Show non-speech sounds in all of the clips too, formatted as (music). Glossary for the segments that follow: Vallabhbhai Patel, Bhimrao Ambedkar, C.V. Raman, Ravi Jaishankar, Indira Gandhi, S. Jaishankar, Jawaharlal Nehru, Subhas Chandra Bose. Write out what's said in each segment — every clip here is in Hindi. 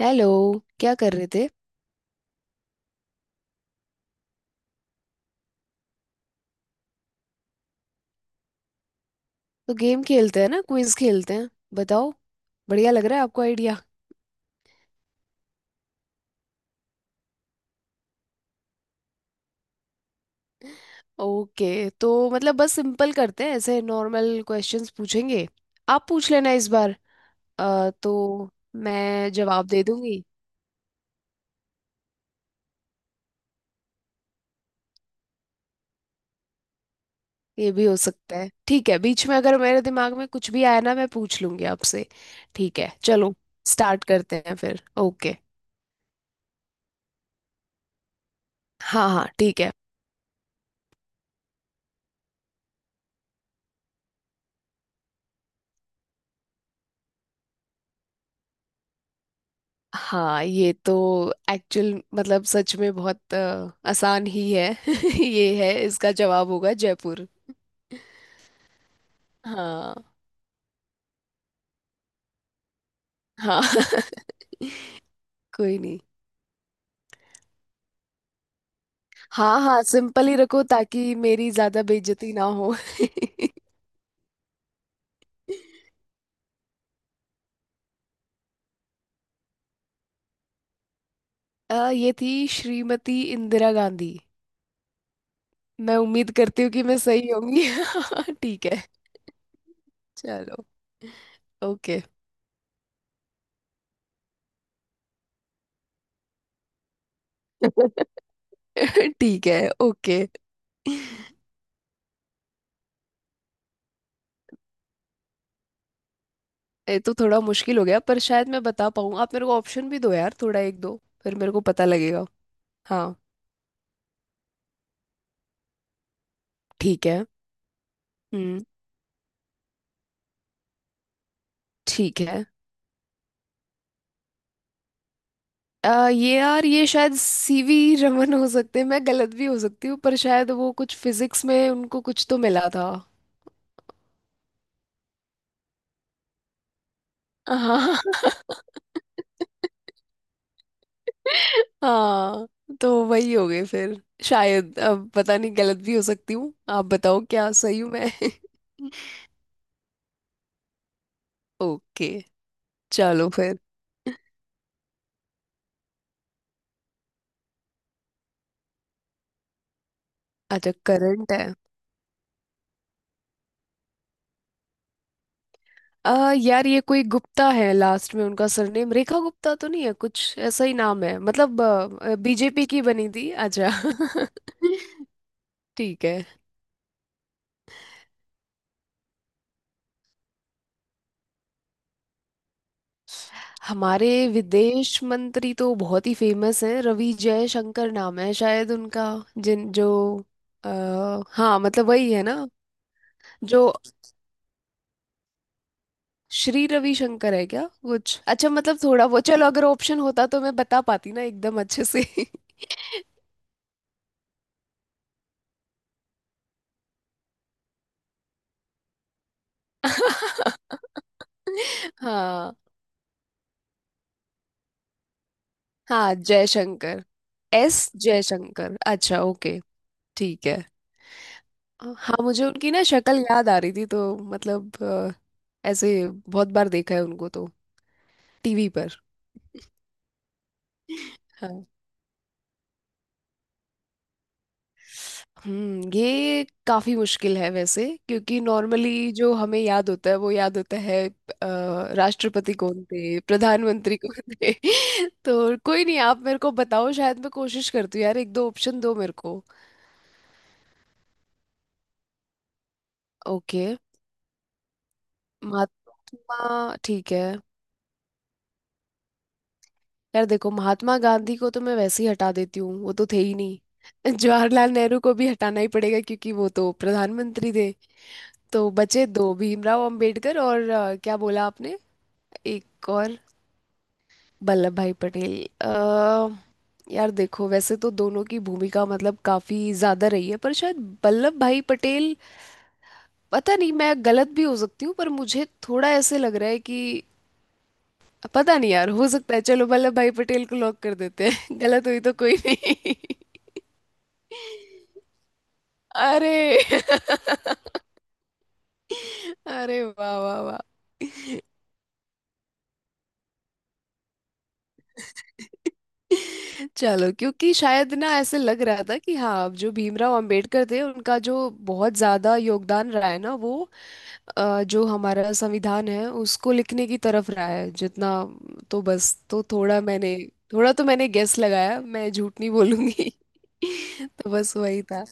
हेलो। क्या कर रहे थे? तो गेम खेलते हैं ना, क्विज खेलते हैं। बताओ। बढ़िया लग रहा है आपको आइडिया। ओके, तो मतलब बस सिंपल करते हैं, ऐसे नॉर्मल क्वेश्चंस पूछेंगे। आप पूछ लेना इस बार। तो मैं जवाब दे दूंगी। ये भी हो सकता है, ठीक है। बीच में अगर मेरे दिमाग में कुछ भी आया ना, मैं पूछ लूंगी आपसे। ठीक है, चलो। स्टार्ट करते हैं फिर। ओके। हाँ हाँ, ठीक है। हाँ, ये तो एक्चुअल मतलब सच में बहुत आसान ही है। (laughs) ये है, इसका जवाब होगा जयपुर। हाँ। हाँ। (laughs) कोई नहीं। हाँ हाँ, सिंपल ही रखो ताकि मेरी ज्यादा बेइज्जती ना हो। (laughs) ये थी श्रीमती इंदिरा गांधी। मैं उम्मीद करती हूँ कि मैं सही होंगी। (laughs) ठीक है। चलो। ओके। (laughs) ठीक है। ओके। ये तो थोड़ा मुश्किल हो गया पर शायद मैं बता पाऊँ। आप मेरे को ऑप्शन भी दो यार, थोड़ा एक दो, फिर मेरे को पता लगेगा। हाँ। ठीक है। हम्म। ठीक है। ये यार, ये शायद सीवी रमन हो सकते हैं। मैं गलत भी हो सकती हूँ पर शायद वो कुछ फिजिक्स में उनको कुछ तो मिला था। (laughs) हाँ। हाँ, तो वही हो गए फिर शायद। अब पता नहीं, गलत भी हो सकती हूँ। आप बताओ क्या सही हूँ मैं। (laughs) ओके। चलो फिर। अच्छा, करंट है। यार, ये कोई गुप्ता है लास्ट में उनका सरनेम। रेखा गुप्ता तो नहीं है, कुछ ऐसा ही नाम है मतलब। बीजेपी की बनी थी, अच्छा। (laughs) ठीक है। हमारे विदेश मंत्री तो बहुत ही फेमस हैं, रवि जयशंकर नाम है शायद उनका। जिन जो आ, हाँ मतलब वही है ना। जो श्री रविशंकर है क्या कुछ, अच्छा मतलब थोड़ा वो चलो। अगर ऑप्शन होता तो मैं बता पाती ना एकदम अच्छे से। (laughs) हाँ हाँ, जयशंकर। एस जयशंकर, अच्छा ओके। ठीक है। हाँ, मुझे उनकी ना शक्ल याद आ रही थी तो मतलब ऐसे बहुत बार देखा है उनको तो, टीवी पर। हाँ। हम्म, ये काफी मुश्किल है वैसे, क्योंकि नॉर्मली जो हमें याद होता है वो याद होता है राष्ट्रपति कौन थे, प्रधानमंत्री कौन थे। (laughs) तो कोई नहीं, आप मेरे को बताओ। शायद मैं कोशिश करती हूँ यार, एक दो ऑप्शन दो मेरे को। ओके। महात्मा, ठीक है। यार देखो, महात्मा गांधी को तो मैं वैसे ही हटा देती हूँ, वो तो थे ही नहीं। (laughs) जवाहरलाल नेहरू को भी हटाना ही पड़ेगा, क्योंकि वो तो प्रधानमंत्री थे। तो बचे दो, भीमराव अंबेडकर और क्या बोला आपने? एक और? वल्लभ भाई पटेल। अ, यार देखो, वैसे तो दोनों की भूमिका मतलब काफी ज्यादा रही है, पर शायद वल्लभ भाई पटेल। पता नहीं, मैं गलत भी हो सकती हूँ पर मुझे थोड़ा ऐसे लग रहा है कि पता नहीं यार, हो सकता है। चलो वल्लभ भाई पटेल को लॉक कर देते हैं। (laughs) गलत हुई तो कोई नहीं। (laughs) अरे। (laughs) अरे वाह वाह वाह। (laughs) चलो, क्योंकि शायद ना ऐसे लग रहा था कि हाँ, अब जो भीमराव अंबेडकर थे उनका जो बहुत ज्यादा योगदान रहा है ना वो जो हमारा संविधान है उसको लिखने की तरफ रहा है जितना। तो बस, तो थोड़ा मैंने थोड़ा तो मैंने गेस लगाया, मैं झूठ नहीं बोलूंगी। (laughs) तो बस वही था।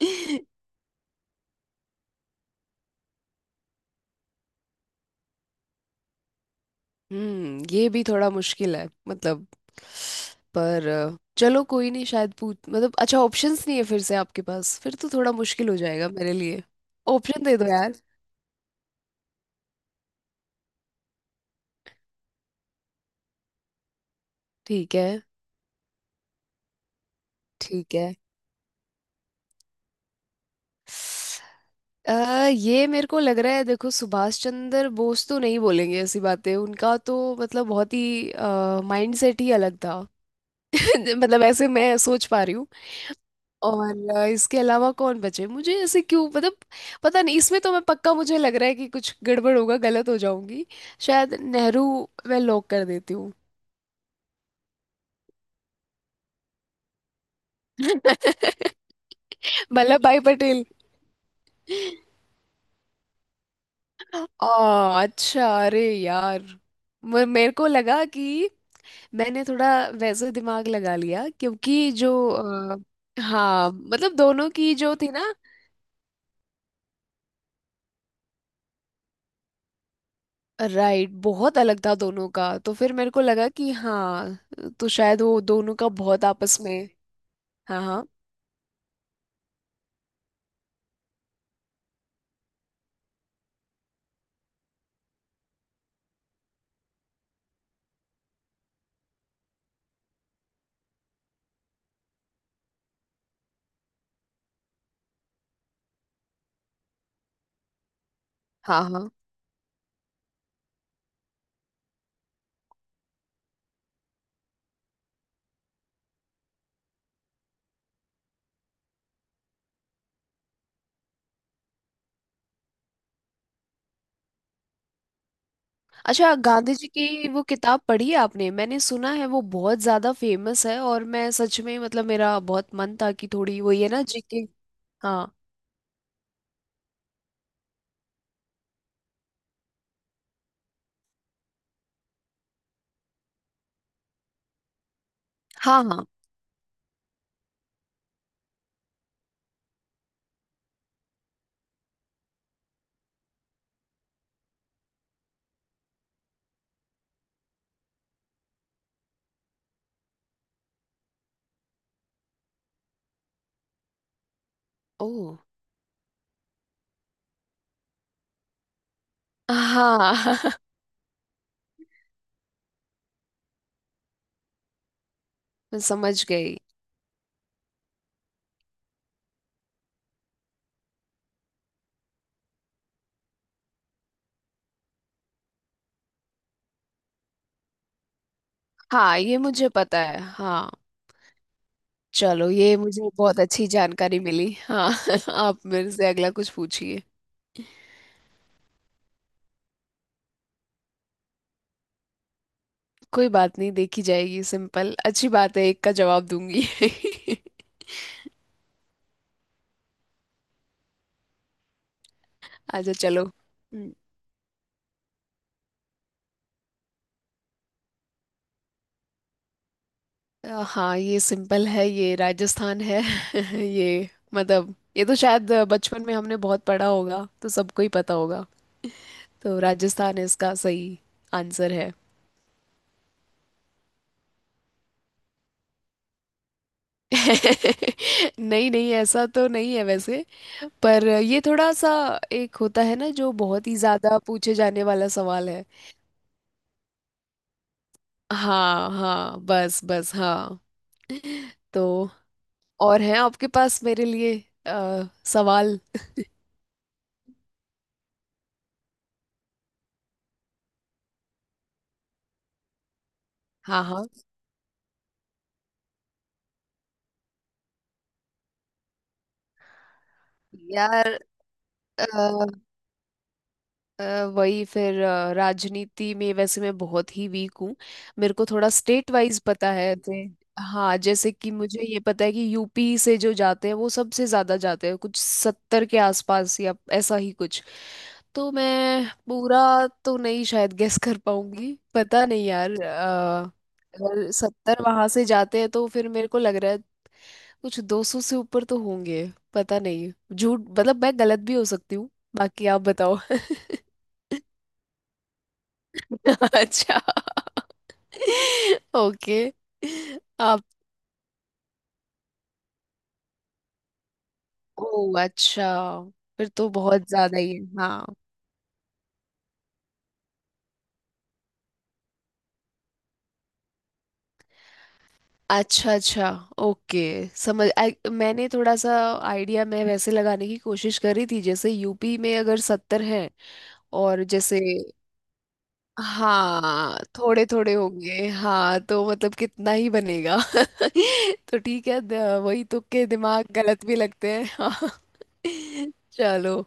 (laughs) हम्म, ये भी थोड़ा मुश्किल है मतलब। पर चलो कोई नहीं। शायद पूछ मतलब, अच्छा ऑप्शंस नहीं है फिर से आपके पास, फिर तो थोड़ा मुश्किल हो जाएगा मेरे लिए। ऑप्शन दे दो यार। ठीक है। ठीक है। ये मेरे को लग रहा है, देखो सुभाष चंद्र बोस तो नहीं बोलेंगे ऐसी बातें। उनका तो मतलब बहुत ही माइंड सेट ही अलग था। (laughs) मतलब ऐसे मैं सोच पा रही हूँ। और इसके अलावा कौन बचे मुझे, ऐसे क्यों मतलब पता नहीं। इसमें तो मैं पक्का मुझे लग रहा है कि कुछ गड़बड़ होगा, गलत हो जाऊंगी। शायद नेहरू, मैं लॉक कर देती हूँ। (laughs) वल्लभ भाई पटेल। अच्छा, अरे यार। मेरे को लगा कि मैंने थोड़ा वैसे दिमाग लगा लिया, क्योंकि जो हाँ मतलब दोनों की जो थी ना, राइट, बहुत अलग था दोनों का। तो फिर मेरे को लगा कि हाँ, तो शायद वो दोनों का बहुत आपस में। हाँ हाँ। हाँ हाँ। अच्छा, गांधी जी की वो किताब पढ़ी है आपने? मैंने सुना है वो बहुत ज्यादा फेमस है, और मैं सच में मतलब मेरा बहुत मन था कि थोड़ी वो ये ना जीके। हाँ। हाँ। हाँ। ओ। हाँ। (laughs) मैं समझ गई। हाँ, ये मुझे पता है हाँ। चलो, ये मुझे बहुत अच्छी जानकारी मिली हाँ। (laughs) आप मेरे से अगला कुछ पूछिए। कोई बात नहीं, देखी जाएगी। सिंपल अच्छी बात है, एक का जवाब दूंगी। (laughs) आजा चलो। हाँ ये सिंपल है, ये राजस्थान है। (laughs) ये मतलब ये तो शायद बचपन में हमने बहुत पढ़ा होगा, तो सबको ही पता होगा। तो राजस्थान इसका सही आंसर है। (laughs) नहीं नहीं, ऐसा तो नहीं है वैसे। पर ये थोड़ा सा एक होता है ना जो बहुत ही ज्यादा पूछे जाने वाला सवाल है। हाँ हाँ, बस बस हाँ। (laughs) तो और हैं आपके पास मेरे लिए सवाल? हाँ। हाँ। यार वही फिर राजनीति में वैसे मैं बहुत ही वीक हूँ। मेरे को थोड़ा स्टेट वाइज पता है जैसे। हाँ जैसे कि मुझे ये पता है कि यूपी से जो जाते हैं वो सबसे ज्यादा जाते हैं, कुछ 70 के आसपास या ऐसा ही कुछ। तो मैं पूरा तो नहीं शायद गेस कर पाऊंगी, पता नहीं यार। अगर 70 वहां से जाते हैं तो फिर मेरे को लग रहा है कुछ 200 से ऊपर तो होंगे। पता नहीं, झूठ मतलब मैं गलत भी हो सकती हूँ। बाकी आप बताओ। (laughs) अच्छा। ओके। आप। ओ अच्छा, फिर तो बहुत ज्यादा ही है हाँ। अच्छा अच्छा, ओके। समझ मैंने थोड़ा सा आइडिया मैं वैसे लगाने की कोशिश करी थी, जैसे यूपी में अगर 70 हैं। और जैसे हाँ, थोड़े थोड़े होंगे हाँ, तो मतलब कितना ही बनेगा। (laughs) तो ठीक है वही तुक्के दिमाग गलत भी लगते हैं हाँ। (laughs) चलो।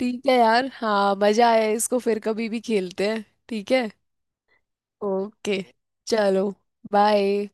ठीक है यार, हाँ मजा आया, इसको फिर कभी भी खेलते हैं। ठीक है। ओके। चलो। बाय।